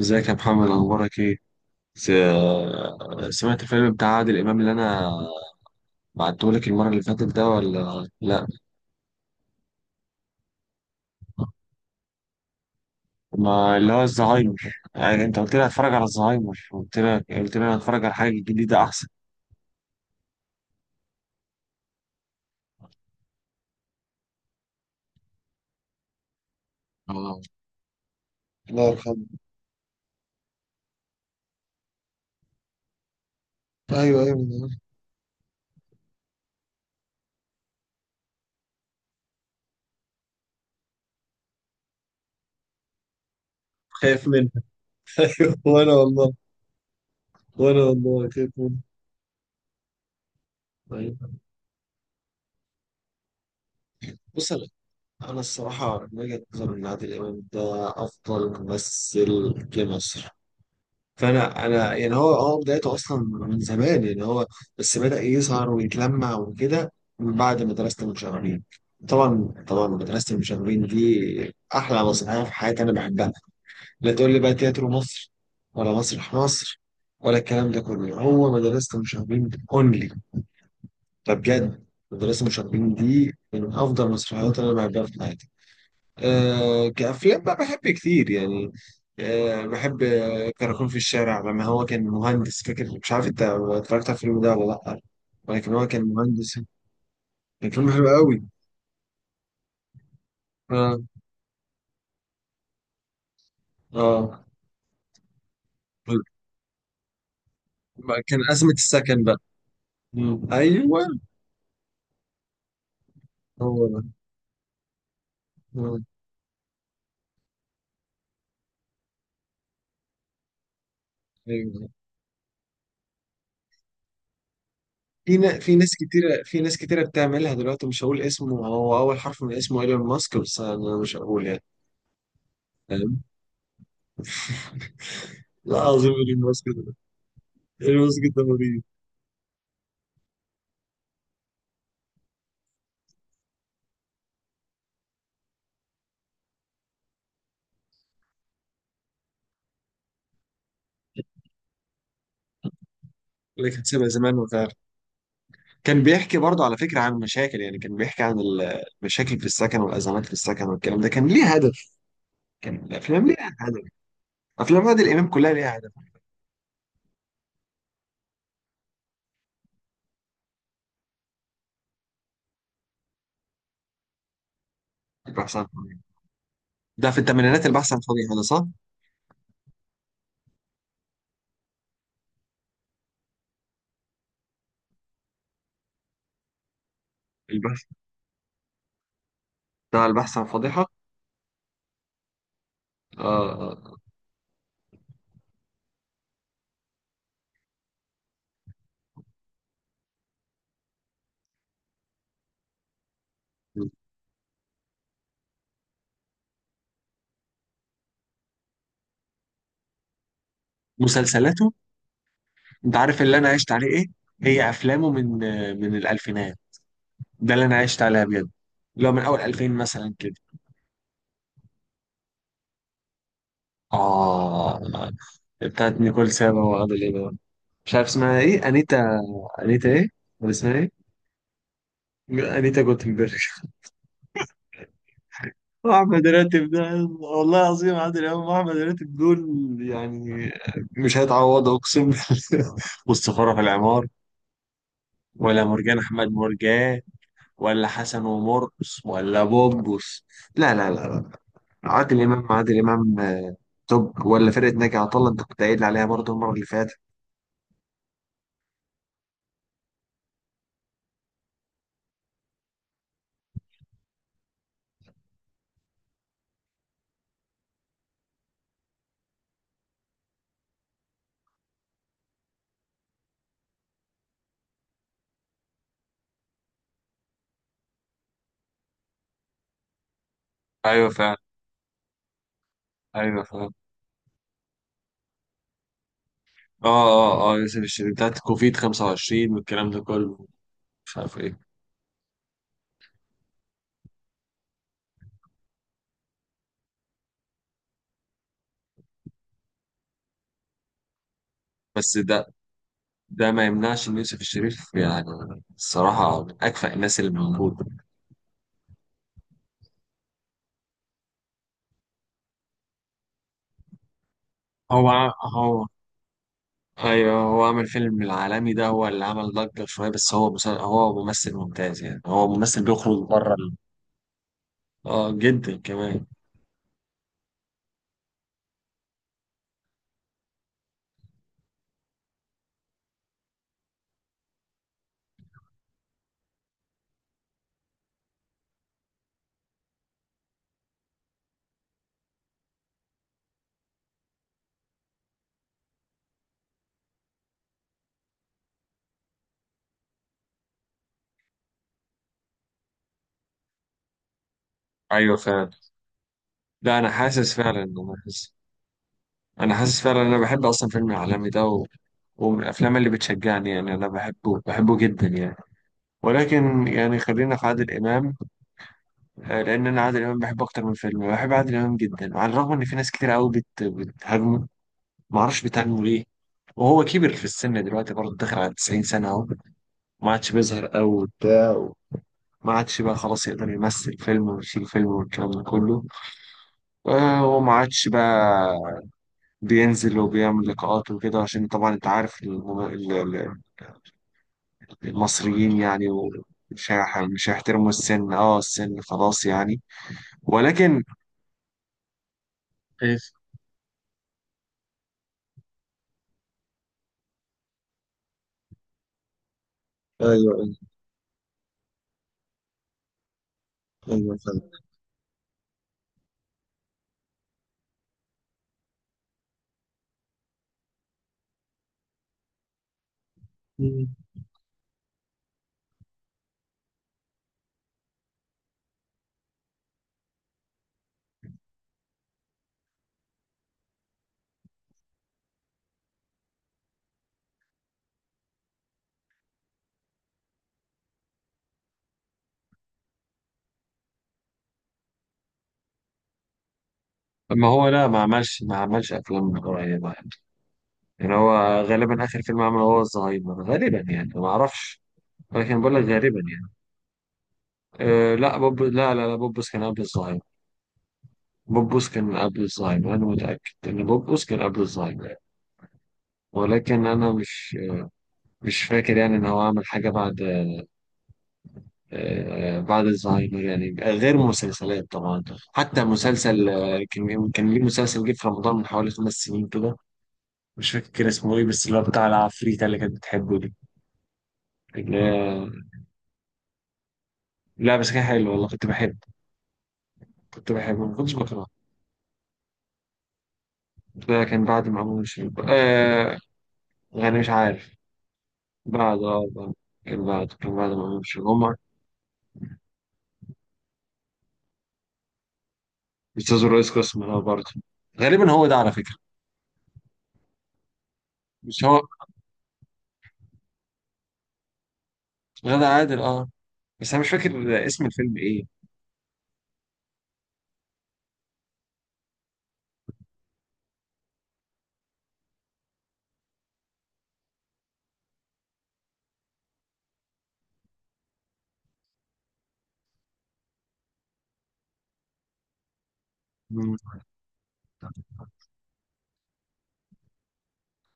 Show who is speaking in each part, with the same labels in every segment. Speaker 1: ازيك يا محمد؟ اخبارك ايه؟ س- سمعت الفيلم بتاع عادل امام اللي انا بعتهولك المره اللي فاتت ده ولا لا؟ ما اللي هو الزهايمر يعني انت قلت لي هتفرج على الزهايمر، قلت لك قلت لي هتفرج على حاجه جديده احسن. اه. الله يرحمه. ايوه ايوه، أنا خايف منه. ايوه، وانا والله خايف منه. ايوه. بص، انا الصراحه من وجهه نظري ان عادل امام ده افضل ممثل جه مصر. فانا يعني هو بدايته اصلا من زمان، يعني هو بس بدأ يظهر ويتلمع وكده من بعد مدرسة المشاغبين. طبعا طبعا مدرسة المشاغبين دي احلى مسرحية في حياتي، انا بحبها. لا تقول لي بقى تياترو مصر، ولا مسرح مصر، ولا الكلام ده كله، هو مدرسة المشاغبين اونلي. ده بجد مدرسة المشاغبين دي من افضل المسرحيات اللي انا بحبها في حياتي. آه، كأفلام بقى بحب كتير يعني. آه بحب، كراكون في الشارع لما هو كان مهندس، فاكر؟ مش عارف انت اتفرجت على الفيلم ده ولا لأ، ولكن هو كان مهندس. كان فيلم حلو قوي. اه، اه. بقى كان أزمة السكن بقى. ايوه. هو ده. آه، ايوه. في ناس كتيرة بتعملها دلوقتي، مش هقول اسمه، هو أول حرف من اسمه ايلون ماسك، بس أنا مش هقول يعني. فاهم؟ لا، عظيم ايلون ماسك ده. ايلون ماسك ده مريض. لكن سيبها زمان وفعلا كان بيحكي برضه على فكرة عن مشاكل، يعني كان بيحكي عن المشاكل في السكن والأزمات في السكن، والكلام ده كان ليه هدف. كان الأفلام ليها هدف. أفلام عادل إمام كلها ليها هدف. البحث عن فضيحة ده في الثمانينات، البحث عن فضيحة ده، صح؟ البحث، بتاع البحث عن فضيحة. آه، آه. مسلسلاته. أنت عارف اللي أنا عشت عليه إيه؟ هي أفلامه من من الألفينات. ده اللي أنا عشت عليها بجد، اللي هو من أول 2000 مثلا كده. آه، بتاعت نيكول سابا وعادل إمام. مش عارف اسمها إيه؟ أنيتا. أنيتا إيه؟ ولا اسمها إيه؟ انيتا جوتنبرج. احمد راتب ده، والله العظيم عادل امام واحمد راتب دول يعني مش هيتعوضوا، اقسم بالله. والسفاره في العمار، ولا مرجان، احمد مرجان، ولا حسن ومرقص، ولا بوبوس. لا لا لا لا، عادل امام، عادل امام آه، توب، ولا فرقه ناجي عطا الله انت كنت قايل عليها برضه المره اللي فاتت. ايوه فعلا. ايوه فعلا. اه اه اه، يوسف الشريف بتاعت كوفيد 25 والكلام ده كله، مش عارف ايه. بس ده، ده ما يمنعش ان يوسف الشريف، يعني الصراحه من اكفأ الناس اللي موجوده. هو ايوه، هو عمل فيلم العالمي ده، هو اللي عمل ضجه شويه، بس هو هو ممثل ممتاز، يعني هو ممثل بيخرج بره اه جدا كمان. ايوه فعلا. لا، انا حاسس فعلا، انا حاسس. انا حاسس فعلا، انا بحب اصلا فيلم العالمي ده، و... ومن الافلام اللي بتشجعني يعني، انا بحبه بحبه جدا يعني. ولكن يعني خلينا في عادل امام، آه، لان انا عادل امام بحبه اكتر من فيلم، بحب عادل امام جدا. وعلى الرغم ان في ناس كتير قوي بتهاجمه، ما اعرفش بتهاجمه ليه، وهو كبر في السن دلوقتي برضه، داخل على 90 سنه اهو، ما عادش بيظهر قوي وبتاع. ما عادش بقى خلاص يقدر يمثل فيلم ويشيل فيلم والكلام ده كله، آه، وما عادش بقى بينزل وبيعمل لقاءات وكده، عشان طبعا انت عارف المصريين يعني، و... مش هيحترموا السن، اه السن خلاص يعني. ولكن ايوه. ايوه ايوه. مم. ما هو لا، ما عملش افلام قريبه يعني. يعني هو غالبا اخر فيلم عمله هو الزهايمر غالبا يعني، ما اعرفش، ولكن بقول لك غالبا يعني. أه لا، بوبوس كان قبل الزهايمر. بوبوس كان قبل الزهايمر، انا متاكد ان بوبوس كان قبل الزهايمر يعني. ولكن انا مش فاكر يعني ان هو عمل حاجه بعد. أه بعد الزهايمر يعني، غير مسلسلات طبعا. حتى مسلسل آه، كان ليه مسلسل جه في رمضان من حوالي 5 سنين كده، مش فاكر اسمه ايه، بس اللي هو بتاع العفريتة اللي كانت بتحبه دي، اللي هي- لا بس كان حلو والله، كنت بحبه، كنت بحبه، ما كنتش بكرهه. ده كان بعد ما أمون شريف، آه يعني مش عارف. بعد، كان بعد، كان بعد ما أمون شريف هما. أستاذ الرئيس قسم، اه برضه غالبا هو ده على فكرة. مش هو. غادة عادل اه، بس أنا مش فاكر اسم الفيلم ايه. مم.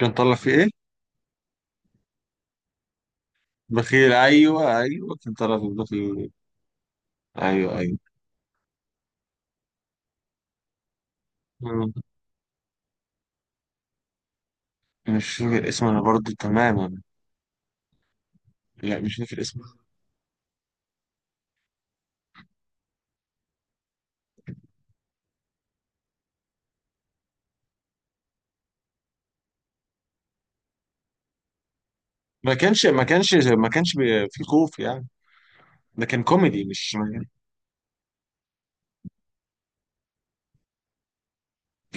Speaker 1: كان طلع فيه ايه؟ بخيل، ايوه ايوه، كان طلع فيه بخيل. ايوه ايوه. مم. مش فاكر اسمه انا برضه تماما. لا مش فاكر اسمه. ما كانش ما كانش ما كانش بي- في خوف يعني؟ ده كان كوميدي، مش.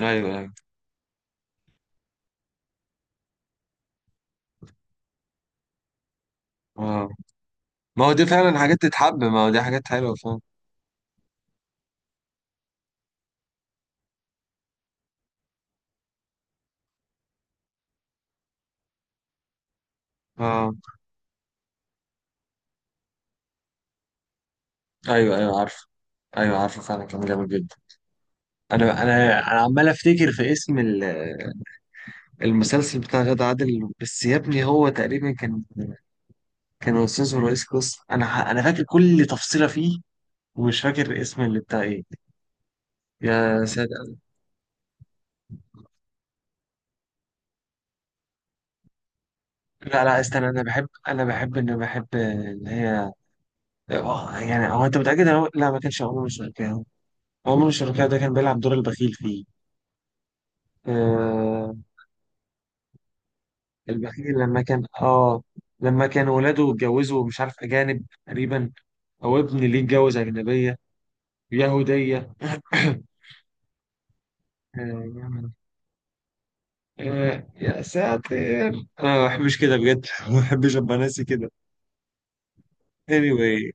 Speaker 1: ايوه ايوه. اه، ما هو دي فعلا حاجات تتحب، ما هو دي حاجات حلوه فعلا. اه. ايوه ايوه عارف. ايوه عارفه فعلا كان جامد جدا. انا عمال افتكر في اسم المسلسل بتاع غادة عادل، بس يا ابني هو تقريبا كان، كان استاذ ورئيس قسم، انا فاكر كل تفصيله فيه، ومش فاكر اسم اللي بتاع ايه. يا ساتر. لا لا، استنى، انا بحب اللي هي، آه، يعني هو انت متأكد إن هو لا ما كانش عمر الشركاوي؟ عمر الشركاوي ده كان بيلعب دور البخيل فيه. آه. البخيل لما كان اه، لما كان ولاده اتجوزوا مش عارف أجانب تقريبا، أو ابن ليه اتجوز أجنبية يهودية. آه. آه، يا ساتر، انا ما بحبش كده بجد. ما بحبش ابقى ناسي كده. anyway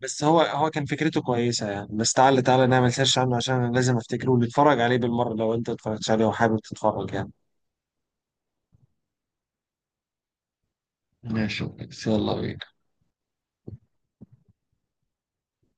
Speaker 1: بس هو، هو كان فكرته كويسه يعني. بس تعالى نعمل سيرش عنه، عشان انا لازم افتكره، ونتفرج عليه بالمره لو انت اتفرجتش عليه وحابب تتفرج يعني. ماشي. يلا بينا.